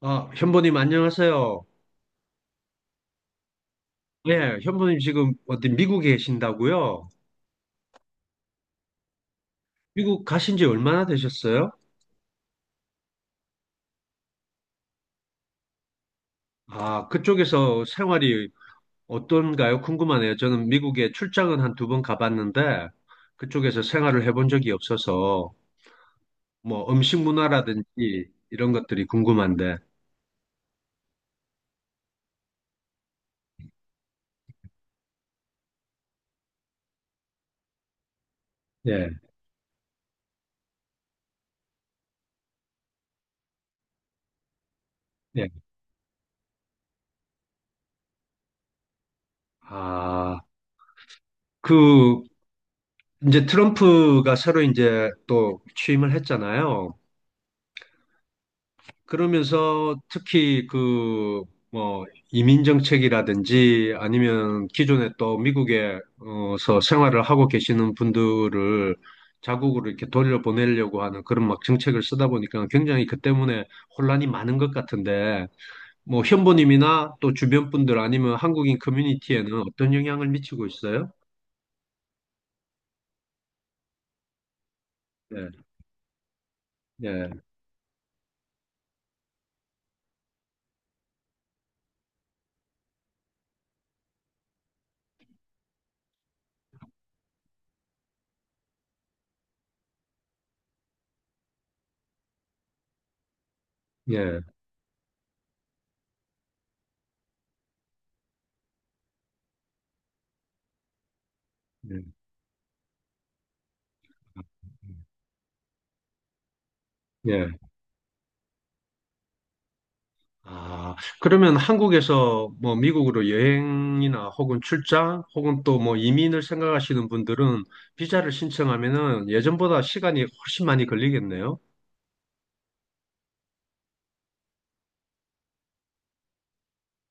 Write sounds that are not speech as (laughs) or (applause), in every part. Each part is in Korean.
아, 현보님 안녕하세요. 예, 현보님 지금 어디 미국에 계신다고요? 미국 가신 지 얼마나 되셨어요? 아, 그쪽에서 생활이 어떤가요? 궁금하네요. 저는 미국에 출장은 한 두 번 가봤는데 그쪽에서 생활을 해본 적이 없어서 뭐 음식 문화라든지 이런 것들이 궁금한데. 예, 예. 아, 그 이제 트럼프가 새로 이제 또 취임을 했잖아요. 그러면서 특히 그 뭐 이민 정책이라든지 아니면 기존에 또 미국에서 생활을 하고 계시는 분들을 자국으로 이렇게 돌려보내려고 하는 그런 막 정책을 쓰다 보니까 굉장히 그 때문에 혼란이 많은 것 같은데 뭐 현보님이나 또 주변 분들 아니면 한국인 커뮤니티에는 어떤 영향을 미치고 있어요? 예, 예, 예, 예, 예. 아, 그러면 한국에서 뭐 미국으로 여행이나 혹은 출장 혹은 또 뭐 이민을 생각하시는 분들은 비자를 신청하면은 예전보다 시간이 훨씬 많이 걸리겠네요.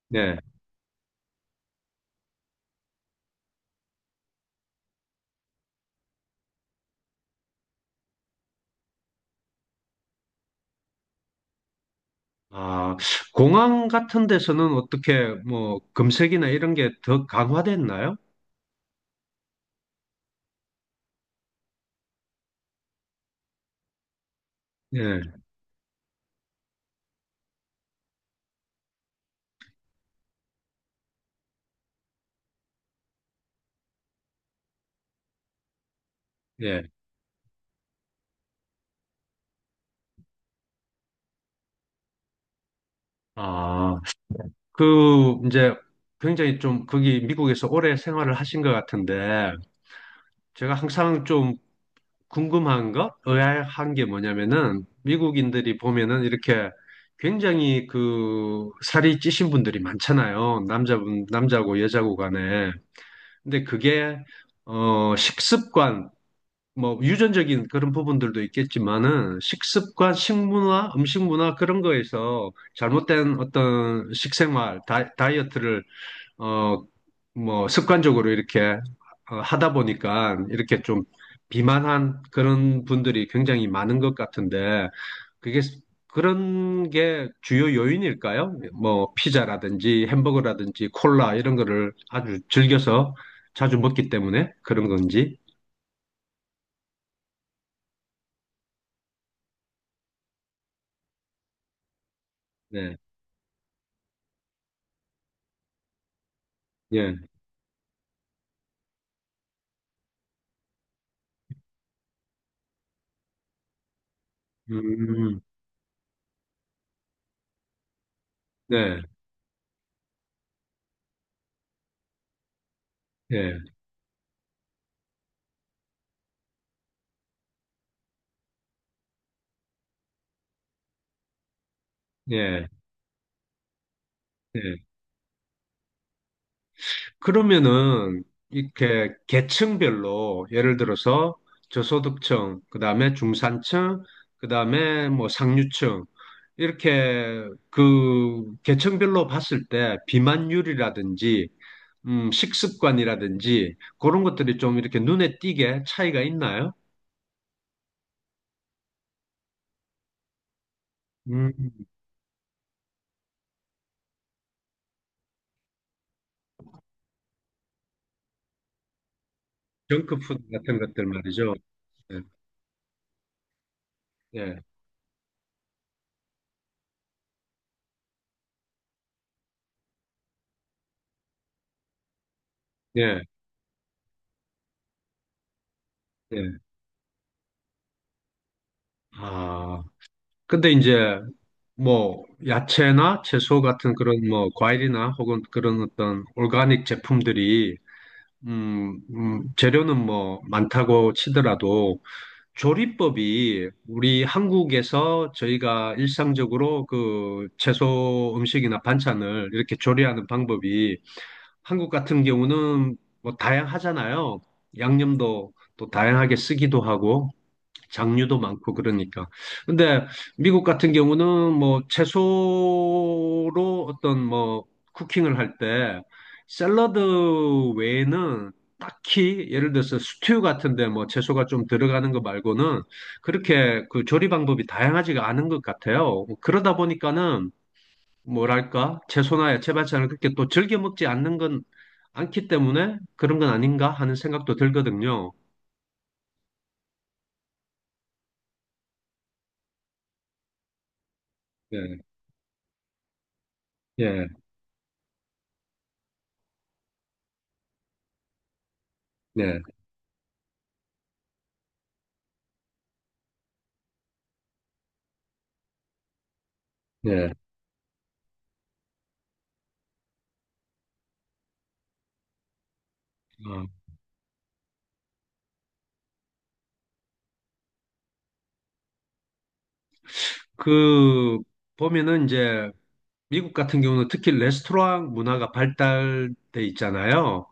네. 아, 공항 같은 데서는 어떻게 뭐 검색이나 이런 게 더 강화됐나요? 예, 예. 아, 그 이제 굉장히 좀 거기 미국에서 오래 생활을 하신 것 같은데 제가 항상 좀 궁금한 거, 의아한 게 뭐냐면은 미국인들이 보면은 이렇게 굉장히 그 살이 찌신 분들이 많잖아요. 남자분, 남자고 여자고 간에. 근데 그게 식습관 뭐 유전적인 그런 부분들도 있겠지만은 식습관, 식문화, 음식 문화 그런 거에서 잘못된 어떤 식생활, 다, 다이어트를 어, 뭐, 습관적으로 이렇게 하다 보니까 이렇게 좀 비만한 그런 분들이 굉장히 많은 것 같은데, 그게, 스- 그런 게 주요 요인일까요? 뭐, 피자라든지 햄버거라든지 콜라 이런 거를 아주 즐겨서 자주 먹기 때문에 그런 건지. 네, 예, 음, 네, 예, 예, 예. 그러면은 이렇게 계층별로 예를 들어서 저소득층, 그다음에 중산층, 그다음에 뭐 상류층 이렇게 그 계층별로 봤을 때 비만율이라든지 식습관이라든지 그런 것들이 좀 이렇게 눈에 띄게 차이가 있나요? 음, 정크푸드 같은 것들 말이죠. 예, 예, 예. 예. 아, 근데 이제 뭐 야채나 채소 같은 그런 뭐 과일이나 혹은 그런 어떤 오가닉 제품들이 재료는 뭐 많다고 치더라도 조리법이 우리 한국에서 저희가 일상적으로 그 채소 음식이나 반찬을 이렇게 조리하는 방법이 한국 같은 경우는 뭐 다양하잖아요. 양념도 또 다양하게 쓰기도 하고 장류도 많고 그러니까. 근데 미국 같은 경우는 뭐 채소로 어떤 뭐 쿠킹을 할 때 샐러드 외에는 딱히 예를 들어서 스튜 같은데 뭐 채소가 좀 들어가는 거 말고는 그렇게 그 조리 방법이 다양하지가 않은 것 같아요. 그러다 보니까는 뭐랄까 채소나 야채 반찬을 그렇게 또 즐겨 먹지 않는 건 않기 때문에 그런 건 아닌가 하는 생각도 들거든요. 예, 예, 예, 예. 그 보면은 이제 미국 같은 경우는 특히 레스토랑 문화가 발달돼 있잖아요.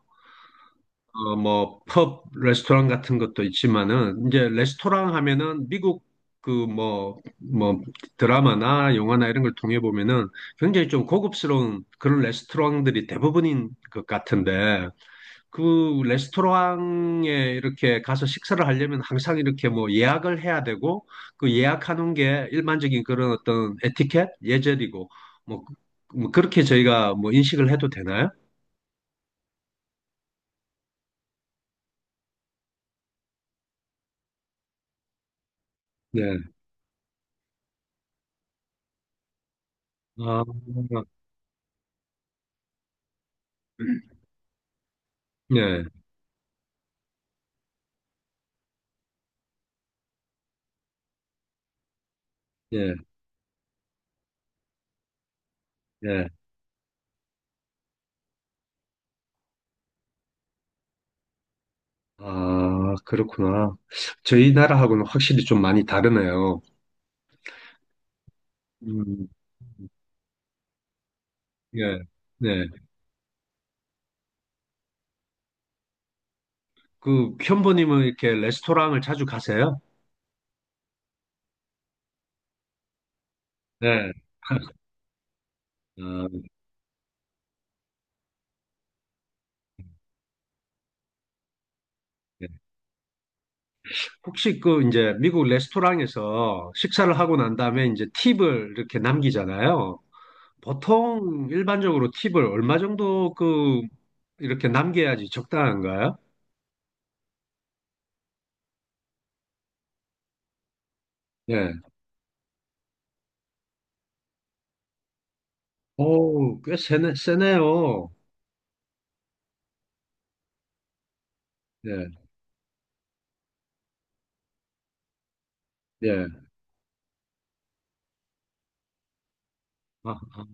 뭐, 펍, 레스토랑 같은 것도 있지만은, 이제 레스토랑 하면은 미국 그 뭐, 드라마나 영화나 이런 걸 통해 보면은 굉장히 좀 고급스러운 그런 레스토랑들이 대부분인 것 같은데, 그 레스토랑에 이렇게 가서 식사를 하려면 항상 이렇게 뭐 예약을 해야 되고 그 예약하는 게 일반적인 그런 어떤 에티켓, 예절이고 뭐, 뭐 그렇게 저희가 뭐 인식을 해도 되나요? 네. 아, 네, 네, 네. 아, 그렇구나. 저희 나라하고는 확실히 좀 많이 다르네요. 음, 예, 네. 그 현보님은 이렇게 레스토랑을 자주 가세요? 네. (laughs) 아, 네. 혹시 그 이제 미국 레스토랑에서 식사를 하고 난 다음에 이제 팁을 이렇게 남기잖아요. 보통 일반적으로 팁을 얼마 정도 그 이렇게 남겨야지 적당한가요? 예. 오, 꽤 세네요. 예, 예. 아, 아,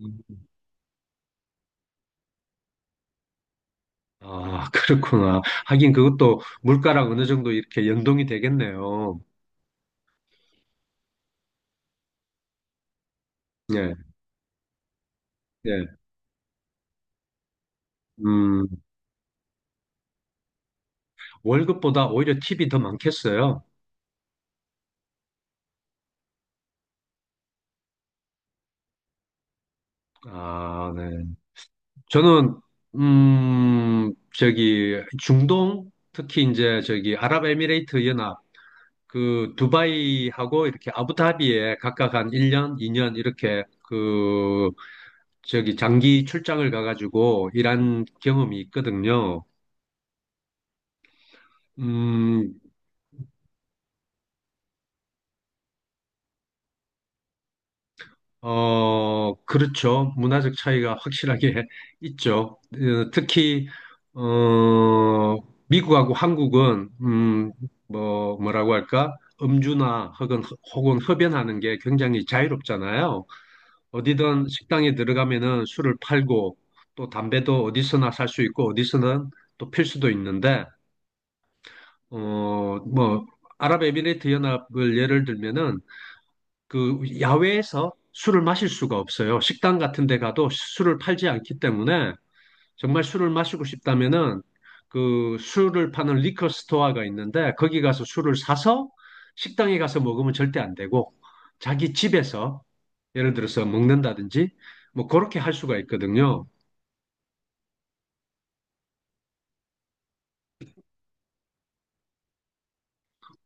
아, 아, (laughs) 그렇구나. 하긴 그것도 물가랑 어느 정도 이렇게 연동이 되겠네요. 예, 예. 음, 월급보다 오히려 팁이 더 많겠어요. 아, 네. 저는 저기 중동 특히 이제 저기 아랍에미레이트 연합 그 두바이하고 이렇게 아부다비에 각각 한 1년, 2년 이렇게 그 저기 장기 출장을 가가지고 일한 경험이 있거든요. 음 그렇죠. 문화적 차이가 확실하게 (laughs) 있죠. 특히, 어, 미국하고 한국은, 뭐라고 할까? 음주나 혹은, 흡연하는 게 굉장히 자유롭잖아요. 어디든 식당에 들어가면은 술을 팔고 또 담배도 어디서나 살 수 있고 어디서는 또 필 수도 있는데, 뭐, 아랍에미레이트 연합을 예를 들면은 그 야외에서 술을 마실 수가 없어요. 식당 같은 데 가도 술을 팔지 않기 때문에 정말 술을 마시고 싶다면은 그 술을 파는 리커 스토어가 있는데 거기 가서 술을 사서 식당에 가서 먹으면 절대 안 되고 자기 집에서 예를 들어서 먹는다든지 뭐 그렇게 할 수가 있거든요.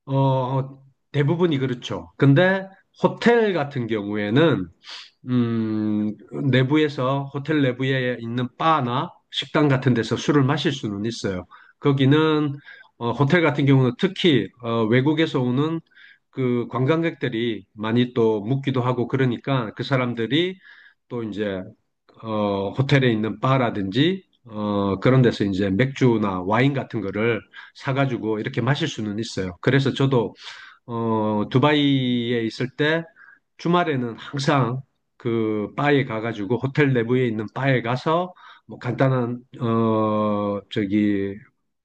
어, 대부분이 그렇죠. 근데 호텔 같은 경우에는 음, 내부에서 호텔 내부에 있는 바나 식당 같은 데서 술을 마실 수는 있어요. 거기는 호텔 같은 경우는 특히 외국에서 오는 그 관광객들이 많이 또 묵기도 하고 그러니까 그 사람들이 또 이제 호텔에 있는 바라든지 그런 데서 이제 맥주나 와인 같은 거를 사가지고 이렇게 마실 수는 있어요. 그래서 저도 두바이에 있을 때 주말에는 항상 그 바에 가가지고 호텔 내부에 있는 바에 가서 뭐 간단한 저기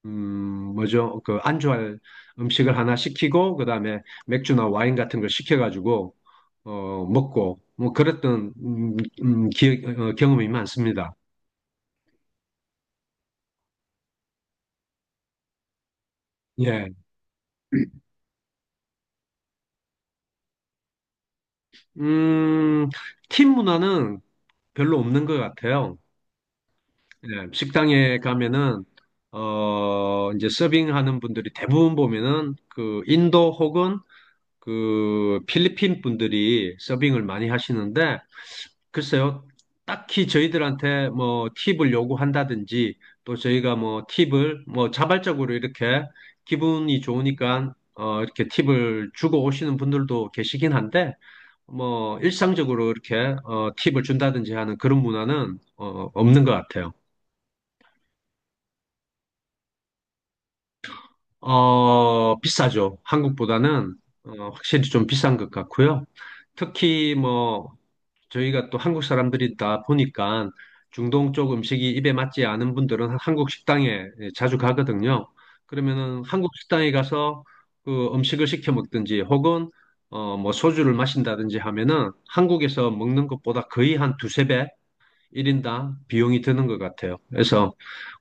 음 뭐죠 그 안주할 음식을 하나 시키고 그다음에 맥주나 와인 같은 걸 시켜가지고 먹고 뭐 그랬던 경험이 많습니다. 예. 음, 팀 문화는 별로 없는 것 같아요. 네, 식당에 가면은 이제 서빙하는 분들이 대부분 보면은 그 인도 혹은 그 필리핀 분들이 서빙을 많이 하시는데 글쎄요 딱히 저희들한테 뭐 팁을 요구한다든지 또 저희가 뭐 팁을 뭐 자발적으로 이렇게 기분이 좋으니까 이렇게 팁을 주고 오시는 분들도 계시긴 한데 뭐 일상적으로 이렇게 팁을 준다든지 하는 그런 문화는 없는 것 같아요. 비싸죠. 한국보다는 확실히 좀 비싼 것 같고요. 특히 뭐 저희가 또 한국 사람들이다 보니까 중동 쪽 음식이 입에 맞지 않은 분들은 한국 식당에 예, 자주 가거든요. 그러면은 한국 식당에 가서 그 음식을 시켜 먹든지 혹은 뭐 소주를 마신다든지 하면은 한국에서 먹는 것보다 거의 한 두세 배 1인당 비용이 드는 것 같아요. 그래서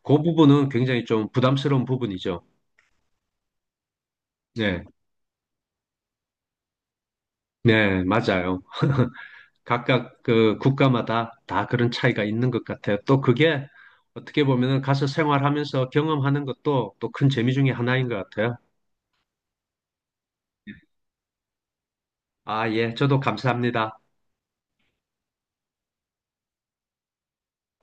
그 부분은 굉장히 좀 부담스러운 부분이죠. 네. 네, 맞아요. 각각 그 국가마다 다 그런 차이가 있는 것 같아요. 또 그게 어떻게 보면은 가서 생활하면서 경험하는 것도 또 큰 재미 중에 하나인 것 같아요. 아, 예, 저도 감사합니다.